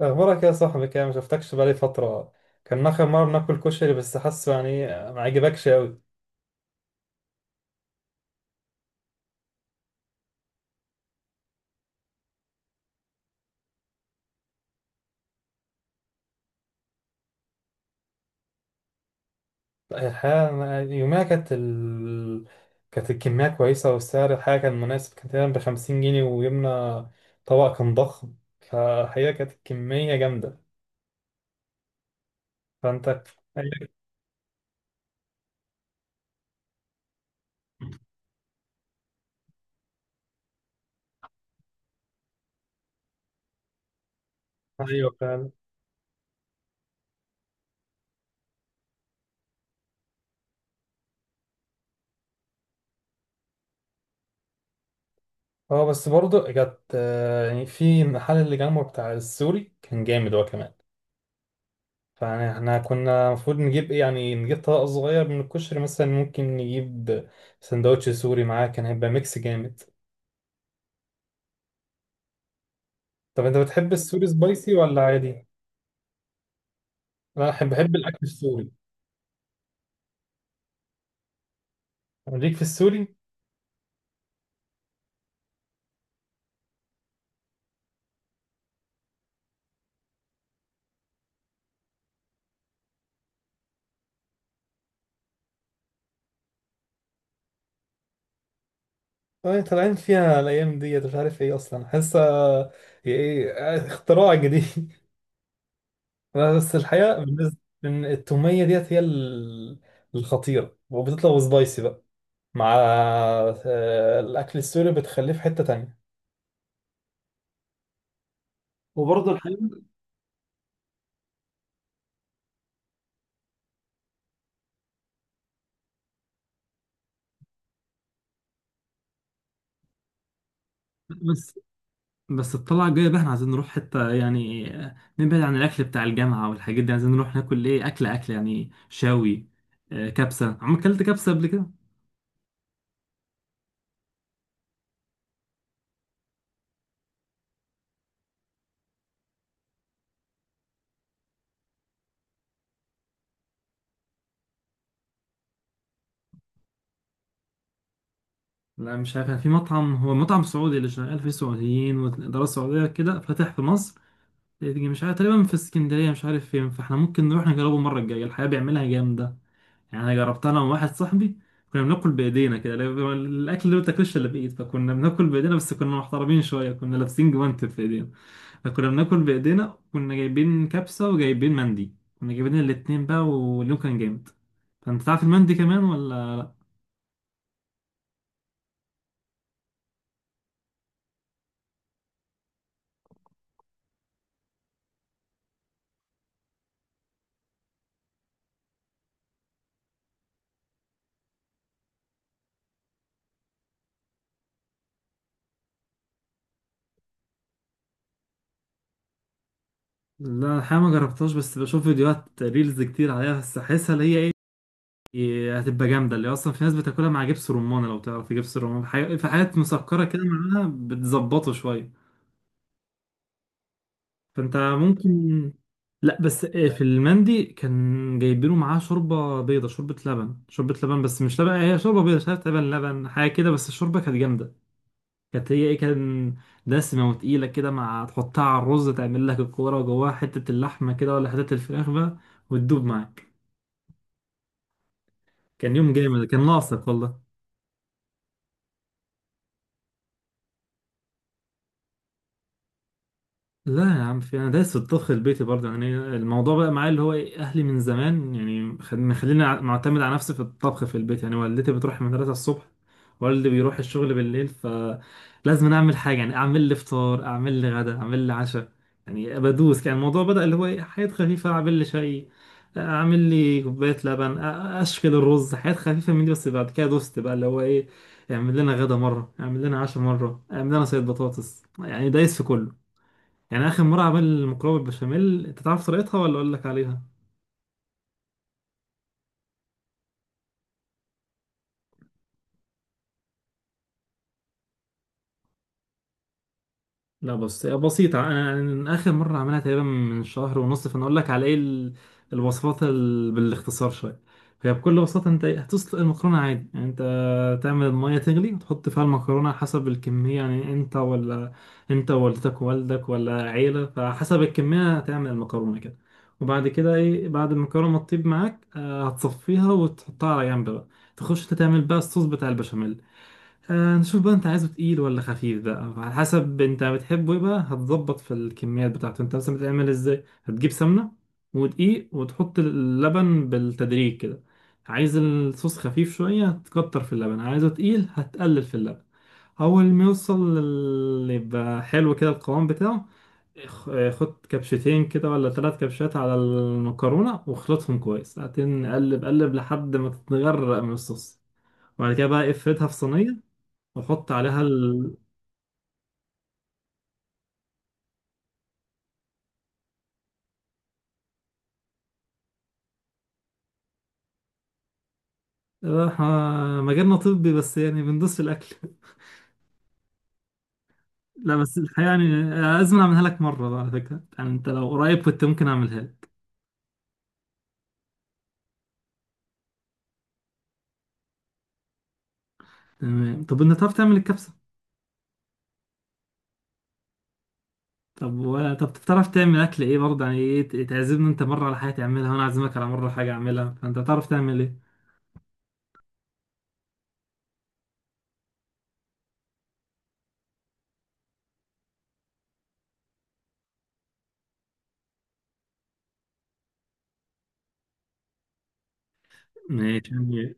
اخبارك يا صاحبي كده؟ ما شفتكش بقالي فتره. كان اخر مره بناكل كشري، بس حاسه يعني ما عجبكش قوي. الحقيقه، يوميها كانت الكميه كويسه، والسعر الحاجه كان مناسب، كان تقريبا ب 50 جنيه، وجبنا طبق كان ضخم. فالحقيقه كانت الكميه جامده. فانت ايوه فعلا. اه، بس برضه جت، يعني في المحل اللي جنبه بتاع السوري كان جامد هو كمان. فاحنا كنا المفروض نجيب ايه، يعني نجيب طبق صغير من الكشري، مثلا ممكن نجيب سندوتش سوري معاه، كان هيبقى ميكس جامد. طب انت بتحب السوري سبايسي ولا عادي؟ انا بحب الاكل السوري. ليك في السوري؟ اه طالعين فيها الايام ديت، مش عارف ايه اصلا، حاسه ايه، اختراع جديد بس الحقيقه بالنسبه إن التوميه ديت هي الخطيره، وبتطلع سبايسي بقى مع، الاكل السوري بتخليه في حته تانية. وبرضه الحقيقة، بس بس الطلعة الجاية بقى احنا عايزين نروح حتة، يعني نبعد عن الأكل بتاع الجامعة والحاجات دي، عايزين نروح ناكل إيه، أكل أكل يعني شاوي. كبسة، عم أكلت كبسة قبل كده؟ لا مش عارف، كان في مطعم، هو مطعم سعودي اللي شغال فيه سعوديين والإدارة السعودية، كده فاتح في مصر، تيجي مش عارف، تقريبا في اسكندرية، مش عارف فين. فاحنا ممكن نروح نجربه المرة الجاية، الحقيقة بيعملها جامدة. يعني أنا جربتها أنا وواحد صاحبي، كنا بناكل بإيدينا كده، الأكل اللي ما بتاكلش إلا بإيد، فكنا بناكل بإيدينا، بس كنا محترمين شوية، كنا لابسين جوانتي في إيدينا. فكنا بناكل بايدينا، كنا جايبين كبسه وجايبين مندي، كنا جايبين الاتنين بقى، واليوم كان جامد. فانت تعرف المندي كمان ولا؟ لا الحقيقه ما جربتهاش، بس بشوف فيديوهات ريلز كتير عليها، بس احسها اللي هي ايه، هتبقى جامده. اللي اصلا في ناس بتاكلها مع جبس رمان، لو تعرف جبس الرمان، في حاجات مسكره كده معاها بتظبطه شويه. فانت ممكن. لا بس في المندي كان جايبينه معاه شوربه بيضه، شوربه لبن شوربه لبن، بس مش لبن، هي شوربه بيضه، مش عارف، لبن لبن حاجه كده، بس الشوربه كانت جامده. كانت هي ايه، كان دسمة وتقيلة كده، مع تحطها على الرز تعمل لك الكورة، وجواها حتة اللحمة كده ولا حتة الفراخ بقى، وتدوب معاك. كان يوم جامد، كان ناقصك والله. لا يا عم، في انا دايس في الطبخ البيتي برضه، يعني الموضوع بقى معايا اللي هو ايه، اهلي من زمان يعني مخليني معتمد على نفسي في الطبخ في البيت، يعني والدتي بتروح المدرسه الصبح، والدي بيروح الشغل بالليل، فلازم اعمل حاجه، يعني اعمل لي فطار، اعمل لي غدا، اعمل لي عشاء. يعني بدوس، كان الموضوع بدأ اللي هو ايه، حاجات خفيفه، اعمل لي شاي، اعمل لي كوبايه لبن، اشكل الرز، حاجات خفيفه من دي، بس بعد كده دوست بقى اللي هو ايه، اعمل لنا غدا مره، اعمل لنا عشاء مره، اعمل لنا صيد بطاطس، يعني دايس في كله. يعني اخر مره عمل مكرونه بالبشاميل، انت تعرف طريقتها ولا اقول لك عليها؟ لا بس بسيطه، أنا اخر مره عملها تقريبا من شهر ونص، فانا اقول لك على ايه الوصفات بالاختصار شويه. هي بكل بساطه، انت هتسلق المكرونه عادي، يعني انت تعمل الميه تغلي وتحط فيها المكرونه حسب الكميه، يعني انت ولا انت ووالدتك ووالدك ولا عيله، فحسب الكميه هتعمل المكرونه كده. وبعد كده ايه، بعد المكرونه ما تطيب معاك، هتصفيها وتحطها على جنب بقى، تخش انت تعمل بقى الصوص بتاع البشاميل. نشوف بقى انت عايزه تقيل ولا خفيف بقى، على حسب انت بتحبه ايه بقى، هتظبط في الكميات بتاعته. انت مثلا بتعمل ازاي؟ هتجيب سمنة ودقيق، وتحط اللبن بالتدريج كده. عايز الصوص خفيف شوية هتكتر في اللبن، عايزه تقيل هتقلل في اللبن. اول ما يوصل يبقى حلو كده القوام بتاعه، خد كبشتين كده ولا 3 كبشات على المكرونة، واخلطهم كويس ساعتين، قلب قلب لحد ما تتغرق من الصوص. وبعد كده بقى افردها في صينية، واحط عليها. إحنا مجالنا طبي، بس يعني بندوس في الاكل لا بس الحقيقه يعني لازم اعملها لك مره بقى على فكره، يعني انت لو قريب كنت ممكن اعملها لك. تمام؟ طب انت بتعرف تعمل الكبسه؟ طب و... طب بتعرف تعمل اكل ايه برضه، يعني ايه تعزمني انت مره على حاجه تعملها، وانا اعزمك على مره حاجه اعملها، فانت تعرف تعمل ايه؟ ماشي يعني.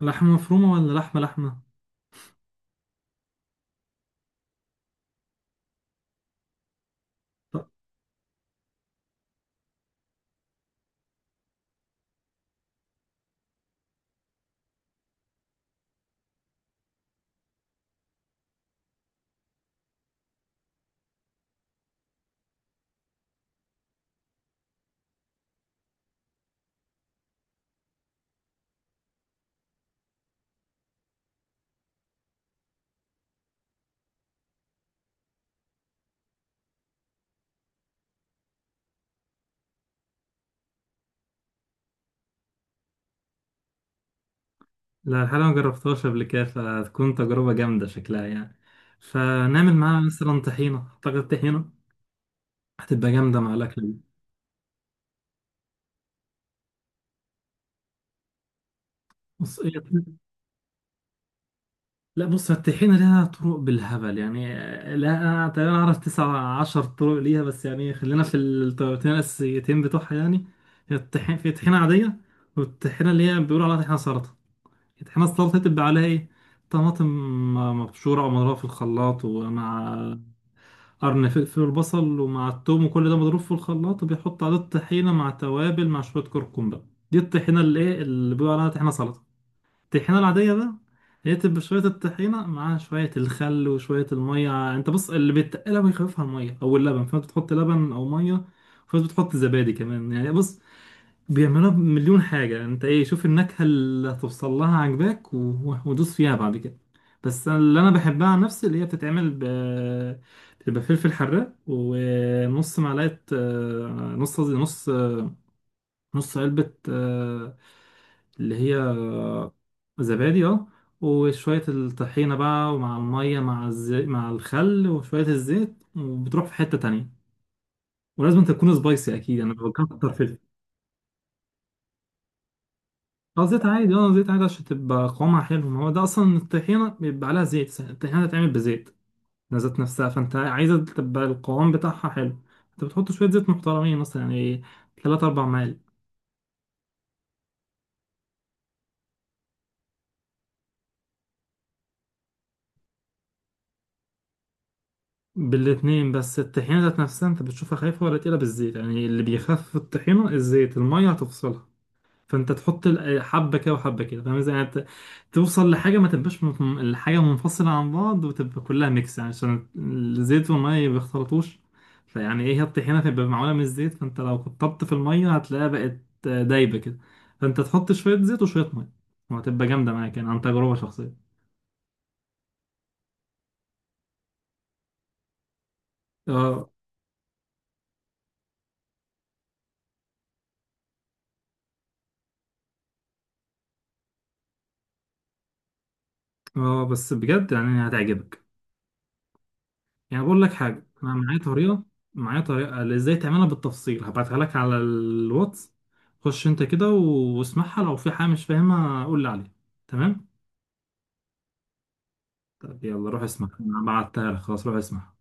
لحمه مفرومه ولا لحمه لحمه؟ طب. لا الحقيقه ما جربتهاش قبل كده، فتكون تجربه جامده شكلها يعني. فنعمل معاها مثلا طحينه، اعتقد طحينه هتبقى جامدة مع الأكل. بص هي- لا بص، الطحينة لها طرق بالهبل يعني، لا أنا تقريبا أعرف 19 طرق ليها، بس يعني خلينا في الطريقتين الأساسيتين بتوعها يعني. هي الطحين في طحينة عادية، والطحينة اللي هي بيقولوا عليها طحينة سلطة. الطحينة السلطة تبقى عليها إيه، طماطم مبشورة أو مضروبة في الخلاط، ومع قرن فلفل وبصل ومع التوم، وكل ده مضروب في الخلاط، وبيحط عليه الطحينة مع توابل، مع شوية كركم بقى. دي الطحينة اللي إيه، اللي بيقولوا عليها طحينة سلطة. الطحينة العادية بقى هي تبقى شوية الطحينة مع شوية الخل وشوية المية. انت بص، اللي بيتقلها بيخففها المية او اللبن، فانت بتحط لبن او مية. وفي ناس بتحط زبادي كمان. يعني بص، بيعملوها بمليون حاجة. انت ايه، شوف النكهة اللي هتوصل لها عجباك و- و- ودوس فيها بعد كده. بس اللي انا بحبها عن نفسي اللي هي بتتعمل بتبقى فلفل حراق، ونص معلقة، نص قصدي، نص علبة، اللي هي زبادي، اه. وشوية الطحينة بقى، ومع المية، مع الخل وشوية الزيت، وبتروح في حتة تانية. ولازم تكون سبايسي أكيد، أنا بكتر فلفل. اه زيت عادي، اه زيت عادي، عشان تبقى قوامها حلو. ما هو ده أصلا الطحينة بيبقى عليها زيت، الطحينة هتتعمل بزيت ذات نفسها، فأنت عايزة تبقى القوام بتاعها حلو، أنت بتحط شوية زيت محترمين، مثلا يعني تلات أربع معالق. بالاتنين، بس الطحينة ذات نفسها انت بتشوفها خايفة ولا تقيلة بالزيت، يعني اللي بيخفف الطحينة الزيت، المية هتفصلها. فانت تحط حبة كده وحبة كده، فاهم ازاي يعني، توصل لحاجة ما تبقاش الحاجة منفصلة عن بعض، وتبقى كلها ميكس، يعني عشان الزيت والمية ما بيختلطوش. فيعني ايه، هي الطحينة تبقى معمولة من الزيت، فانت لو كترت في المية هتلاقيها بقت دايبة كده. فانت تحط شوية زيت وشوية مية، وهتبقى جامدة معاك، يعني عن تجربة شخصية. اه. اه بس بجد يعني هتعجبك، يعني بقول لك حاجة، أنا معايا طريقة، معايا طريقة اللي إزاي تعملها بالتفصيل، هبعتها لك على الواتس، خش أنت كده و- واسمعها، لو في حاجة مش فاهمها قول لي عليها. تمام؟ طب يلا روح اسمع، أنا بعتها لك خلاص، روح اسمع.